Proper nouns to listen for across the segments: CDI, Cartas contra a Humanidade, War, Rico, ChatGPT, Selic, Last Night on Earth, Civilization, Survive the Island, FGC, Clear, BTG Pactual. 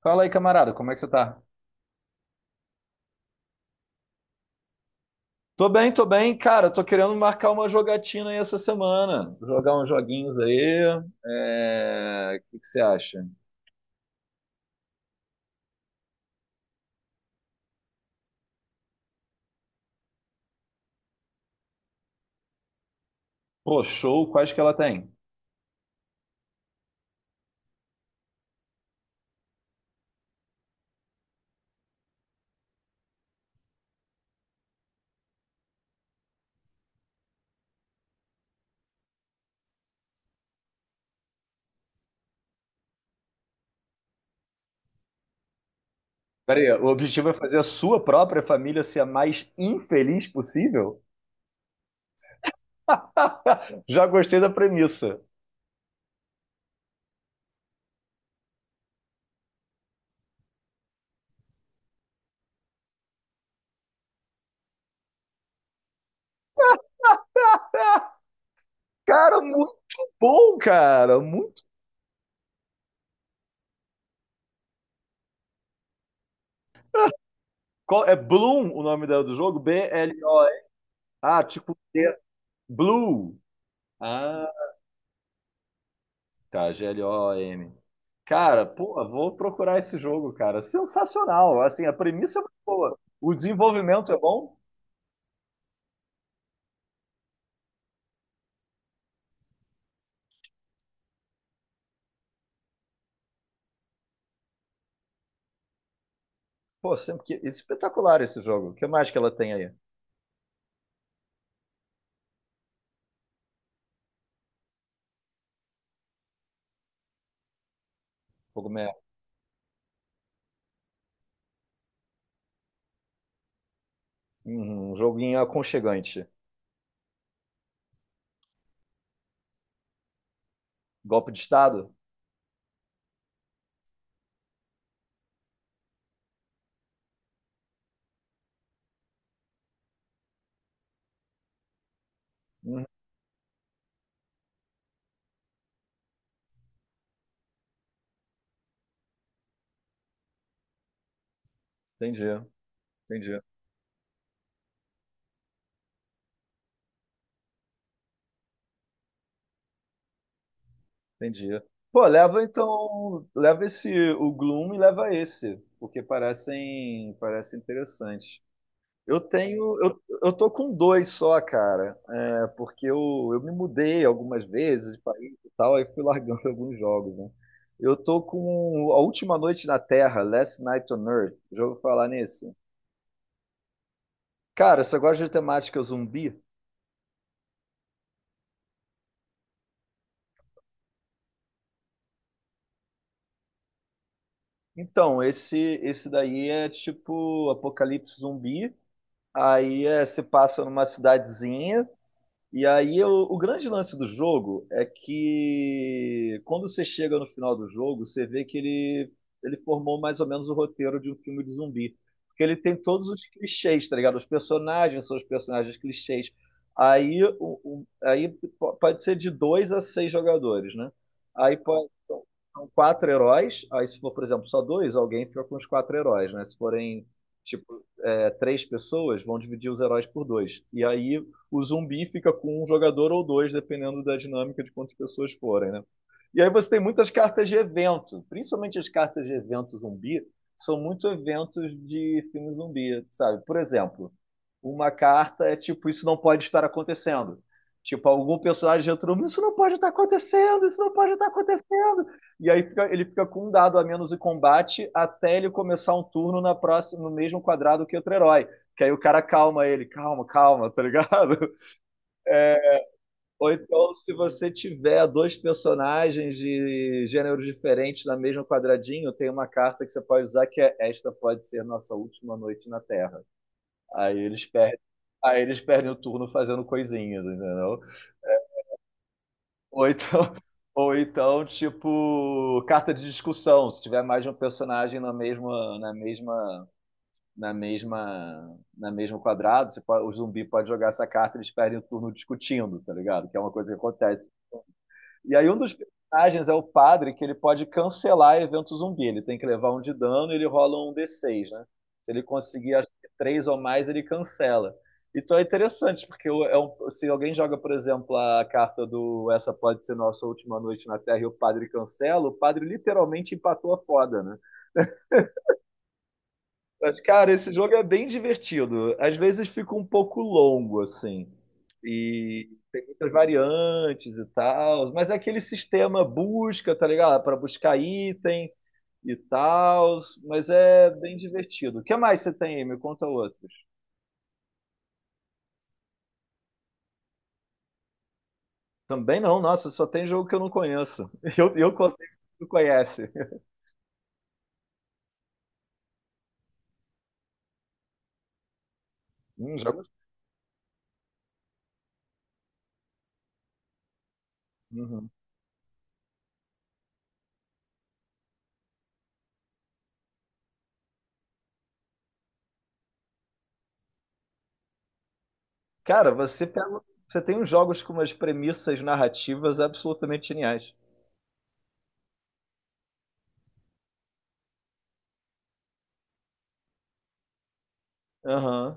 Fala aí, camarada, como é que você tá? Tô bem, cara. Tô querendo marcar uma jogatina aí essa semana. Jogar uns joguinhos aí. É, o que que você acha? Pô, show, quais que ela tem? Pera aí, o objetivo é fazer a sua própria família ser a mais infeliz possível? Já gostei da premissa. Cara, muito bom, cara. Muito. É Bloom o nome dela do jogo? BLO. Ah, tipo, Blue. Ah. Tá, GLOM. Cara, pô, vou procurar esse jogo, cara. Sensacional. Assim, a premissa é muito boa. O desenvolvimento é bom. Pô, sempre que, espetacular esse jogo. O que mais que ela tem aí? Cogumelo. Uhum, um joguinho aconchegante. Golpe de Estado? Uhum, entendi, entendi, entendi. Pô, leva então. Leva esse, o Gloom e leva esse. Porque parece interessante. Eu tô com dois só, cara, é, porque eu me mudei algumas vezes de país e tal, aí fui largando alguns jogos, né? Eu tô com A Última Noite na Terra, Last Night on Earth, já ouviu falar nesse? Cara, você gosta de temática zumbi? Então, esse daí é tipo apocalipse zumbi, aí se passa numa cidadezinha. E aí o grande lance do jogo é que quando você chega no final do jogo, você vê que ele formou mais ou menos o roteiro de um filme de zumbi. Porque ele tem todos os clichês, tá ligado? Os personagens são os personagens clichês. Aí, aí pode ser de dois a seis jogadores, né? Aí pode, são são quatro heróis. Aí se for, por exemplo, só dois, alguém fica com os quatro heróis, né? Se forem, tipo, três pessoas, vão dividir os heróis por dois. E aí o zumbi fica com um jogador ou dois, dependendo da dinâmica de quantas pessoas forem, né? E aí você tem muitas cartas de evento, principalmente as cartas de evento zumbi, são muito eventos de filme zumbi, sabe? Por exemplo, uma carta é tipo, isso não pode estar acontecendo. Tipo, algum personagem entrou, isso não pode estar acontecendo, isso não pode estar acontecendo. E aí ele fica com um dado a menos em combate até ele começar um turno na próxima, no mesmo quadrado que outro herói. Que aí o cara calma ele, calma, calma, tá ligado? Ou então, se você tiver dois personagens de gêneros diferentes na mesma quadradinho, tem uma carta que você pode usar que é esta pode ser nossa última noite na Terra. Aí eles perdem, aí eles perdem o turno fazendo coisinhas, entendeu? Ou então, ou então, tipo, carta de discussão. Se tiver mais de um personagem na mesma, na mesmo quadrado, o zumbi pode jogar essa carta, eles perdem o turno discutindo, tá ligado? Que é uma coisa que acontece. E aí um dos personagens é o padre, que ele pode cancelar evento zumbi. Ele tem que levar um de dano e ele rola um D6, né? Se ele conseguir acho que, três ou mais, ele cancela. Então é interessante, porque se alguém joga, por exemplo, a carta do Essa Pode Ser Nossa Última Noite na Terra e o padre cancela, o padre literalmente empatou a foda, né? Mas, cara, esse jogo é bem divertido. Às vezes fica um pouco longo, assim. E tem muitas variantes e tal. Mas é aquele sistema busca, tá ligado? Para buscar item e tal. Mas é bem divertido. O que mais você tem aí? Me conta outros. Também não, nossa, só tem jogo que eu não conheço. Eu contei que tu conhece. Jogos. Uhum. Cara, você pega. Você tem uns jogos com umas premissas narrativas absolutamente geniais. Aham.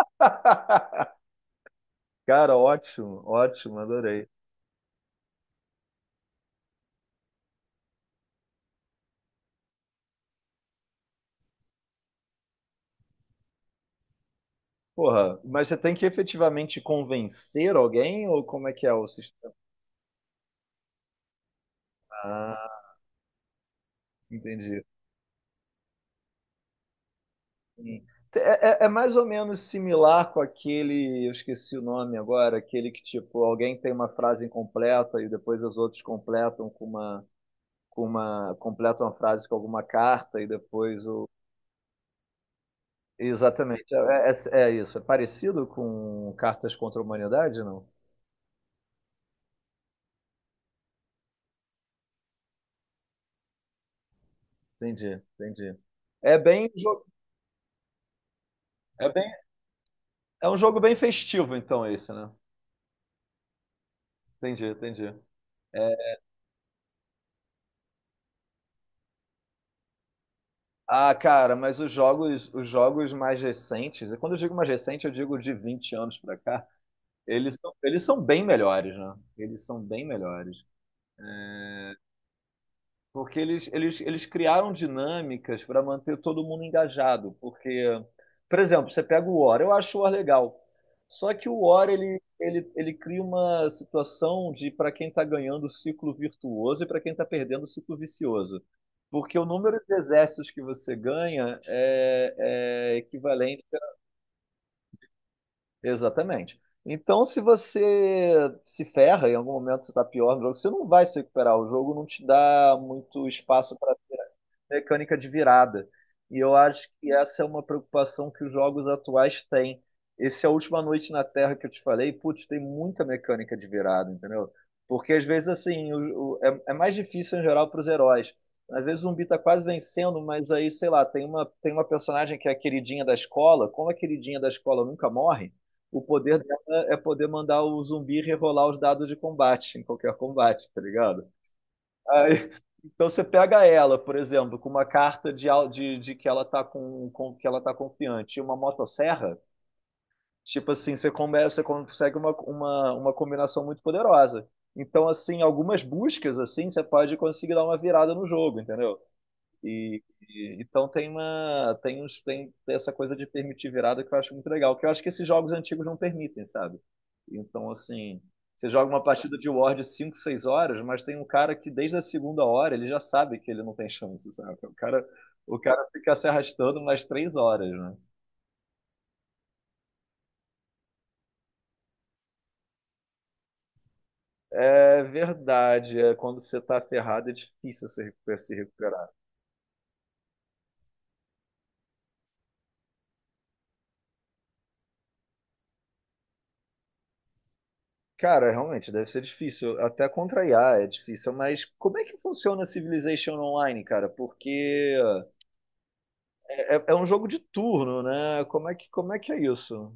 Cara, ótimo, ótimo, adorei. Porra, mas você tem que efetivamente convencer alguém ou como é que é o sistema? Ah, entendi. Sim. É mais ou menos similar com aquele, eu esqueci o nome agora, aquele que tipo, alguém tem uma frase incompleta e depois os outros completam com uma, completam a frase com alguma carta e depois o. Exatamente, é isso. É parecido com Cartas contra a Humanidade, não? Entendi, entendi. É bem, jo- é bem É um jogo bem festivo, então, esse, né? Entendi, entendi. É, ah, cara, mas os jogos mais recentes, e quando eu digo mais recente, eu digo de 20 anos pra cá, eles são bem melhores, né? Eles são bem melhores. Porque eles criaram dinâmicas para manter todo mundo engajado. Porque, por exemplo, você pega o War, eu acho o War legal. Só que o War ele cria uma situação de para quem está ganhando o ciclo virtuoso e para quem está perdendo o ciclo vicioso. Porque o número de exércitos que você ganha é equivalente. Exatamente. Então, se você se ferra, em algum momento você está pior no jogo, você não vai se recuperar. O jogo não te dá muito espaço mecânica de virada. E eu acho que essa é uma preocupação que os jogos atuais têm. Esse é a última noite na Terra que eu te falei, putz, tem muita mecânica de virada, entendeu? Porque às vezes assim, é mais difícil em geral para os heróis. Às vezes o zumbi tá quase vencendo, mas aí, sei lá, tem uma personagem que é a queridinha da escola. Como a queridinha da escola nunca morre, o poder dela é poder mandar o zumbi rerolar os dados de combate, em qualquer combate, tá ligado? Aí, então você pega ela, por exemplo, com uma carta de que ela está com, que ela tá confiante, e uma motosserra, tipo assim, você consegue uma combinação muito poderosa. Então, assim, algumas buscas assim, você pode conseguir dar uma virada no jogo, entendeu? E, então tem uma tem uns tem essa coisa de permitir virada que eu acho muito legal, que eu acho que esses jogos antigos não permitem, sabe? Então assim, você joga uma partida de War de 5, 6 horas, mas tem um cara que desde a segunda hora ele já sabe que ele não tem chance, sabe? O cara fica se arrastando mais 3 horas, né? É verdade, quando você tá ferrado é difícil se recuperar. Cara, realmente, deve ser difícil. Até contra IA é difícil, mas como é que funciona Civilization Online, cara? Porque é um jogo de turno, né? Como é que é isso?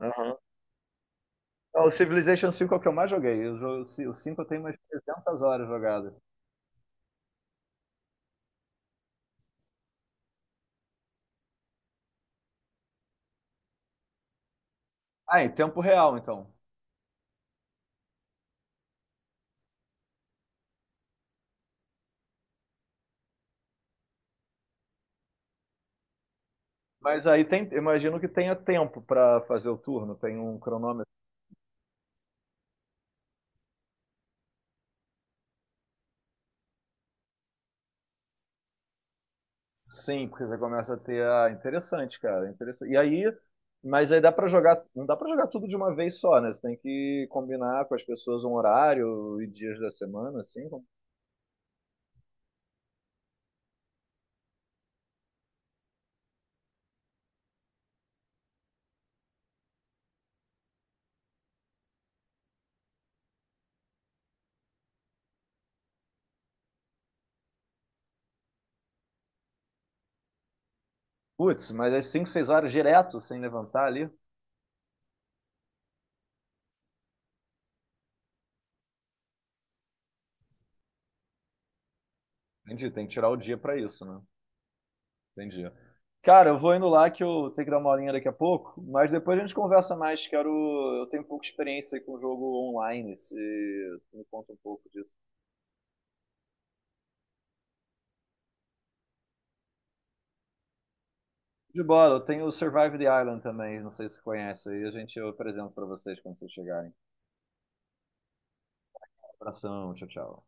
Aham. Ah, o Civilization 5, é o que eu mais joguei. O 5 eu tenho umas 300 horas jogadas. Ah, em tempo real, então. Mas aí tem, imagino que tenha tempo pra fazer o turno, tem um cronômetro. Sim, porque você começa a ter a interessante, cara, interessante. E aí, mas aí dá pra jogar, não dá pra jogar tudo de uma vez só, né? Você tem que combinar com as pessoas um horário e dias da semana, assim. Putz, mas é 5, 6 horas direto sem levantar ali. Entendi, tem que tirar o dia pra isso, né? Entendi. Cara, eu vou indo lá que eu tenho que dar uma aulinha daqui a pouco, mas depois a gente conversa mais. Quero, eu tenho pouca experiência com jogo online, se tu me conta um pouco disso. De bola, eu tenho o Survive the Island também, não sei se você conhece aí, a gente eu apresento pra vocês quando vocês chegarem. Abração, tchau, tchau.